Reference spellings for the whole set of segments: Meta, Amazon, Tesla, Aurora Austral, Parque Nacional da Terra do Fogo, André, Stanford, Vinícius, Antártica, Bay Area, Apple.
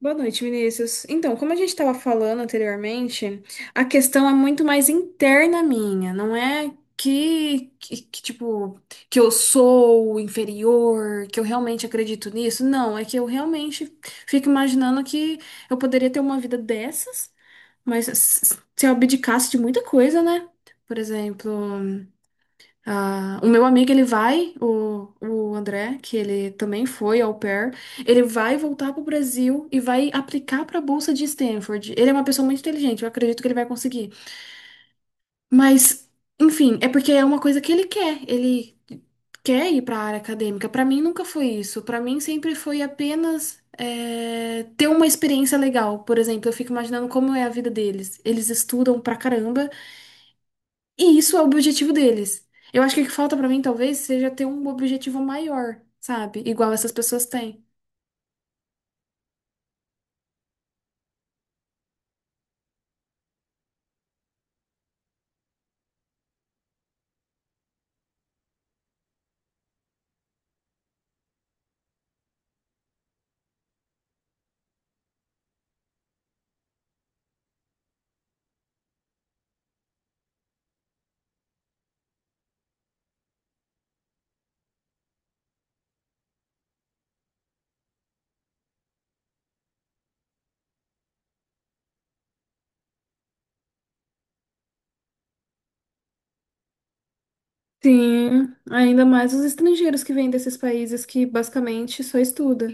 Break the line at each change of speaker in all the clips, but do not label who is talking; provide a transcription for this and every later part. Boa noite, Vinícius. Então, como a gente estava falando anteriormente, a questão é muito mais interna minha, não é que, tipo, que eu sou inferior, que eu realmente acredito nisso. Não, é que eu realmente fico imaginando que eu poderia ter uma vida dessas, mas se eu abdicasse de muita coisa, né? Por exemplo. Ah, o meu amigo, o André, que ele também foi au pair, ele vai voltar para o Brasil e vai aplicar para a Bolsa de Stanford. Ele é uma pessoa muito inteligente, eu acredito que ele vai conseguir. Mas, enfim, é porque é uma coisa que ele quer. Ele quer ir para a área acadêmica. Para mim, nunca foi isso. Para mim, sempre foi apenas ter uma experiência legal. Por exemplo, eu fico imaginando como é a vida deles. Eles estudam pra caramba. E isso é o objetivo deles. Eu acho que o que falta pra mim, talvez, seja ter um objetivo maior, sabe? Igual essas pessoas têm. Sim, ainda mais os estrangeiros que vêm desses países que basicamente só estuda.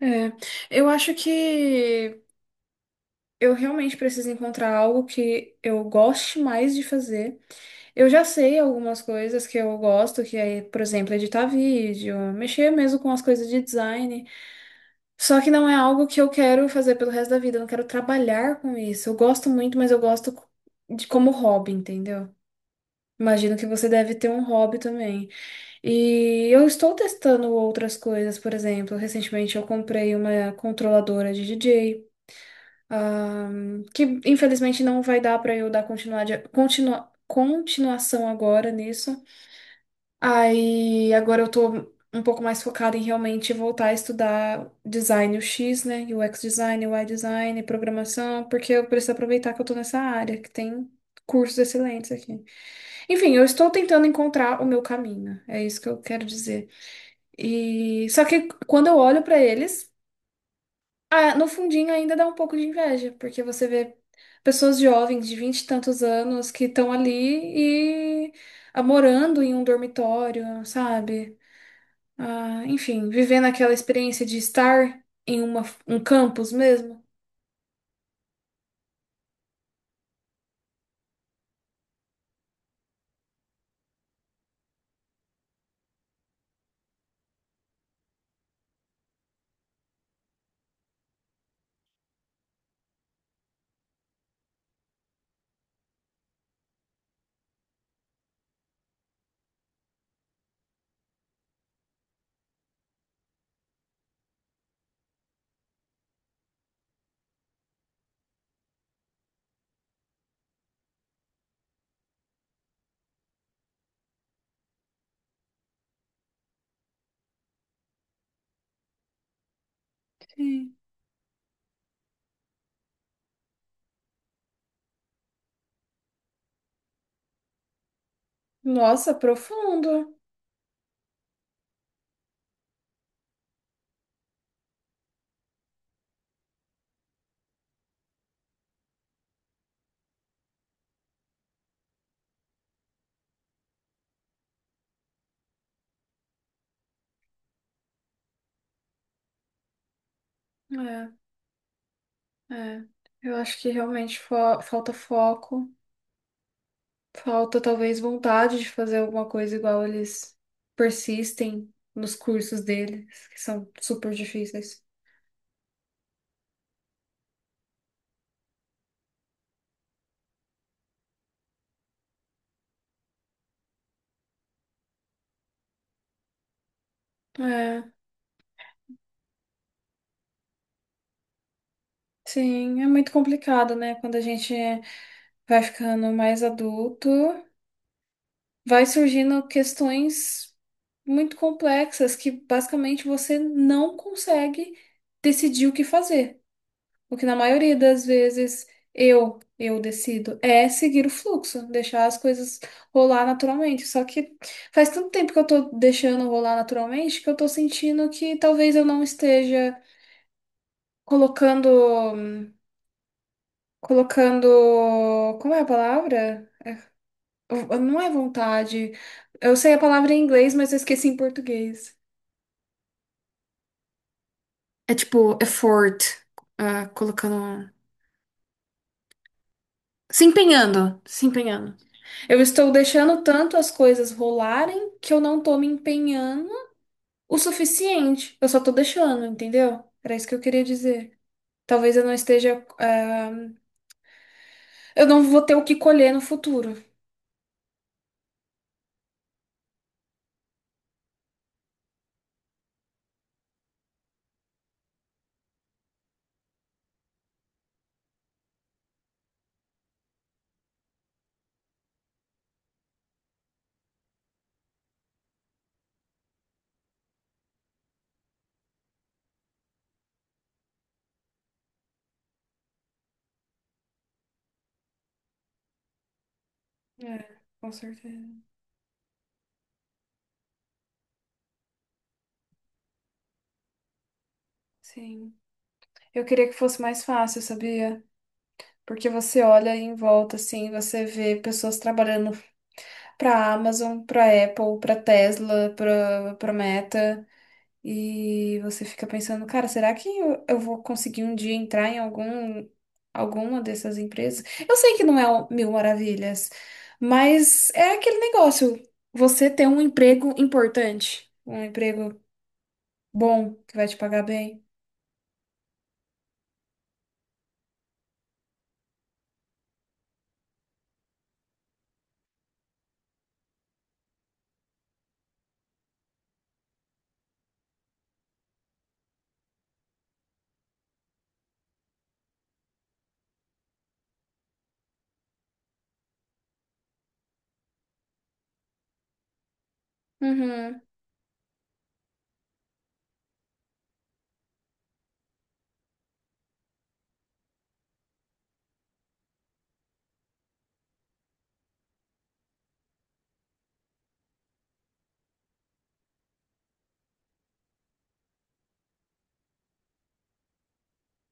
É, eu acho que eu realmente preciso encontrar algo que eu goste mais de fazer. Eu já sei algumas coisas que eu gosto, que é, por exemplo, editar vídeo, mexer mesmo com as coisas de design. Só que não é algo que eu quero fazer pelo resto da vida, eu não quero trabalhar com isso. Eu gosto muito, mas eu gosto de como hobby, entendeu? Imagino que você deve ter um hobby também. E eu estou testando outras coisas, por exemplo, recentemente eu comprei uma controladora de DJ, ah, que infelizmente não vai dar para eu dar continuação agora nisso. Aí agora eu tô um pouco mais focada em realmente voltar a estudar design UX, né? UX design, UI design, programação, porque eu preciso aproveitar que eu tô nessa área, que tem cursos excelentes aqui. Enfim, eu estou tentando encontrar o meu caminho, é isso que eu quero dizer. E só que quando eu olho pra eles, ah, no fundinho ainda dá um pouco de inveja, porque você vê pessoas jovens de vinte e tantos anos que estão ali e ah, morando em um dormitório, sabe? Ah, enfim, vivendo aquela experiência de estar em um campus mesmo. Sim. Nossa, profundo. É, é. Eu acho que realmente falta foco, falta talvez vontade de fazer alguma coisa igual eles persistem nos cursos deles, que são super difíceis. É, sim, é muito complicado, né? Quando a gente vai ficando mais adulto, vai surgindo questões muito complexas que basicamente você não consegue decidir o que fazer. O que na maioria das vezes eu decido é seguir o fluxo, deixar as coisas rolar naturalmente. Só que faz tanto tempo que eu tô deixando rolar naturalmente que eu tô sentindo que talvez eu não esteja colocando colocando, como é a palavra? Não é vontade. Eu sei a palavra em inglês, mas eu esqueci em português. É tipo effort, colocando. Se empenhando, se empenhando. Eu estou deixando tanto as coisas rolarem que eu não tô me empenhando o suficiente. Eu só tô deixando, entendeu? Era isso que eu queria dizer. Talvez eu não esteja. Eu não vou ter o que colher no futuro. É, com certeza. Sim. Eu queria que fosse mais fácil, sabia? Porque você olha em volta, assim, você vê pessoas trabalhando para Amazon, para Apple, para Tesla, para Meta. E você fica pensando, cara, será que eu vou conseguir um dia entrar em alguma dessas empresas? Eu sei que não é o mil maravilhas, mas é aquele negócio. Você ter um emprego importante, um emprego bom, que vai te pagar bem. Uhum,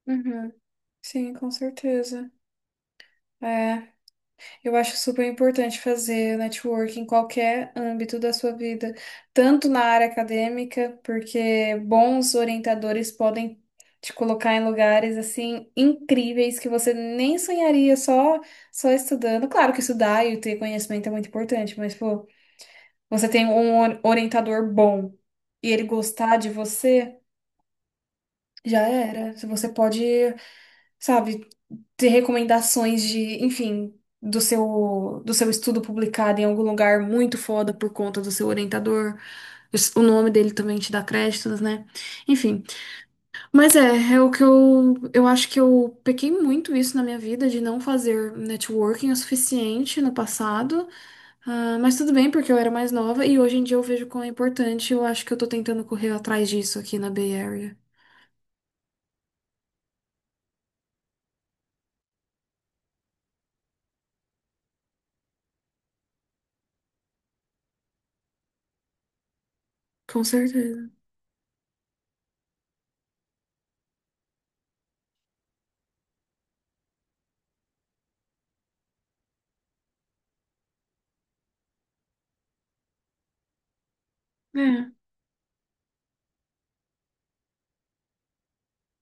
uhum. Sim, com certeza. É. Eu acho super importante fazer networking em qualquer âmbito da sua vida, tanto na área acadêmica, porque bons orientadores podem te colocar em lugares assim incríveis que você nem sonharia só estudando. Claro que estudar e ter conhecimento é muito importante, mas pô, você tem um orientador bom e ele gostar de você, já era. Você pode, sabe, ter recomendações de, enfim, do seu estudo publicado em algum lugar muito foda por conta do seu orientador. O nome dele também te dá créditos, né? Enfim, mas é o que eu acho que eu pequei muito isso na minha vida de não fazer networking o suficiente no passado. Ah, mas tudo bem, porque eu era mais nova e hoje em dia eu vejo quão é importante. Eu acho que eu tô tentando correr atrás disso aqui na Bay Area. Com certeza. É.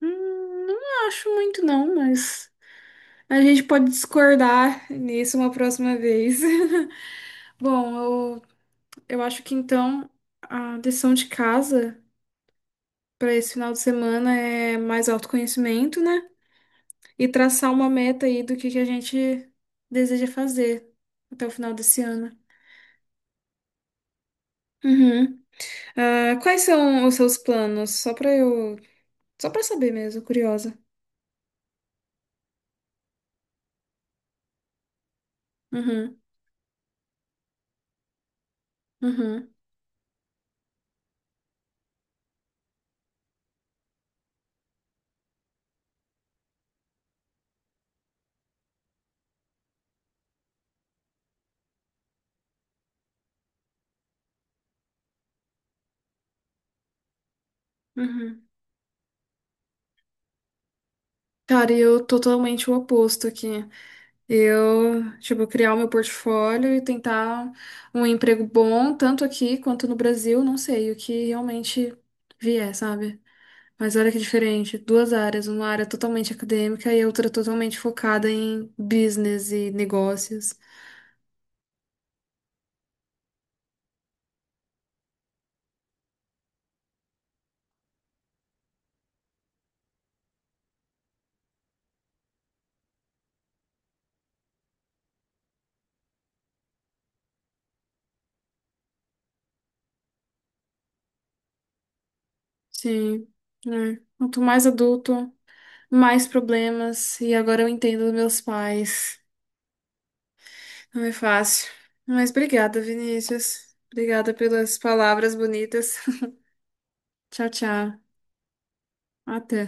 Não acho muito não, mas a gente pode discordar nisso uma próxima vez. Bom, eu, eu acho que então a lição de casa para esse final de semana é mais autoconhecimento, né? E traçar uma meta aí do que a gente deseja fazer até o final desse ano. Uhum. Ah, quais são os seus planos? Só para saber mesmo, curiosa. Uhum, uhum, uhum. Cara, eu totalmente o oposto aqui. Eu, tipo, criar o meu portfólio e tentar um emprego bom, tanto aqui quanto no Brasil, não sei, o que realmente vier, sabe? Mas olha que diferente, duas áreas, uma área totalmente acadêmica e outra totalmente focada em business e negócios. Sim, né? Quanto mais adulto, mais problemas, e agora eu entendo dos meus pais. Não é fácil. Mas obrigada, Vinícius. Obrigada pelas palavras bonitas. Tchau, tchau. Até.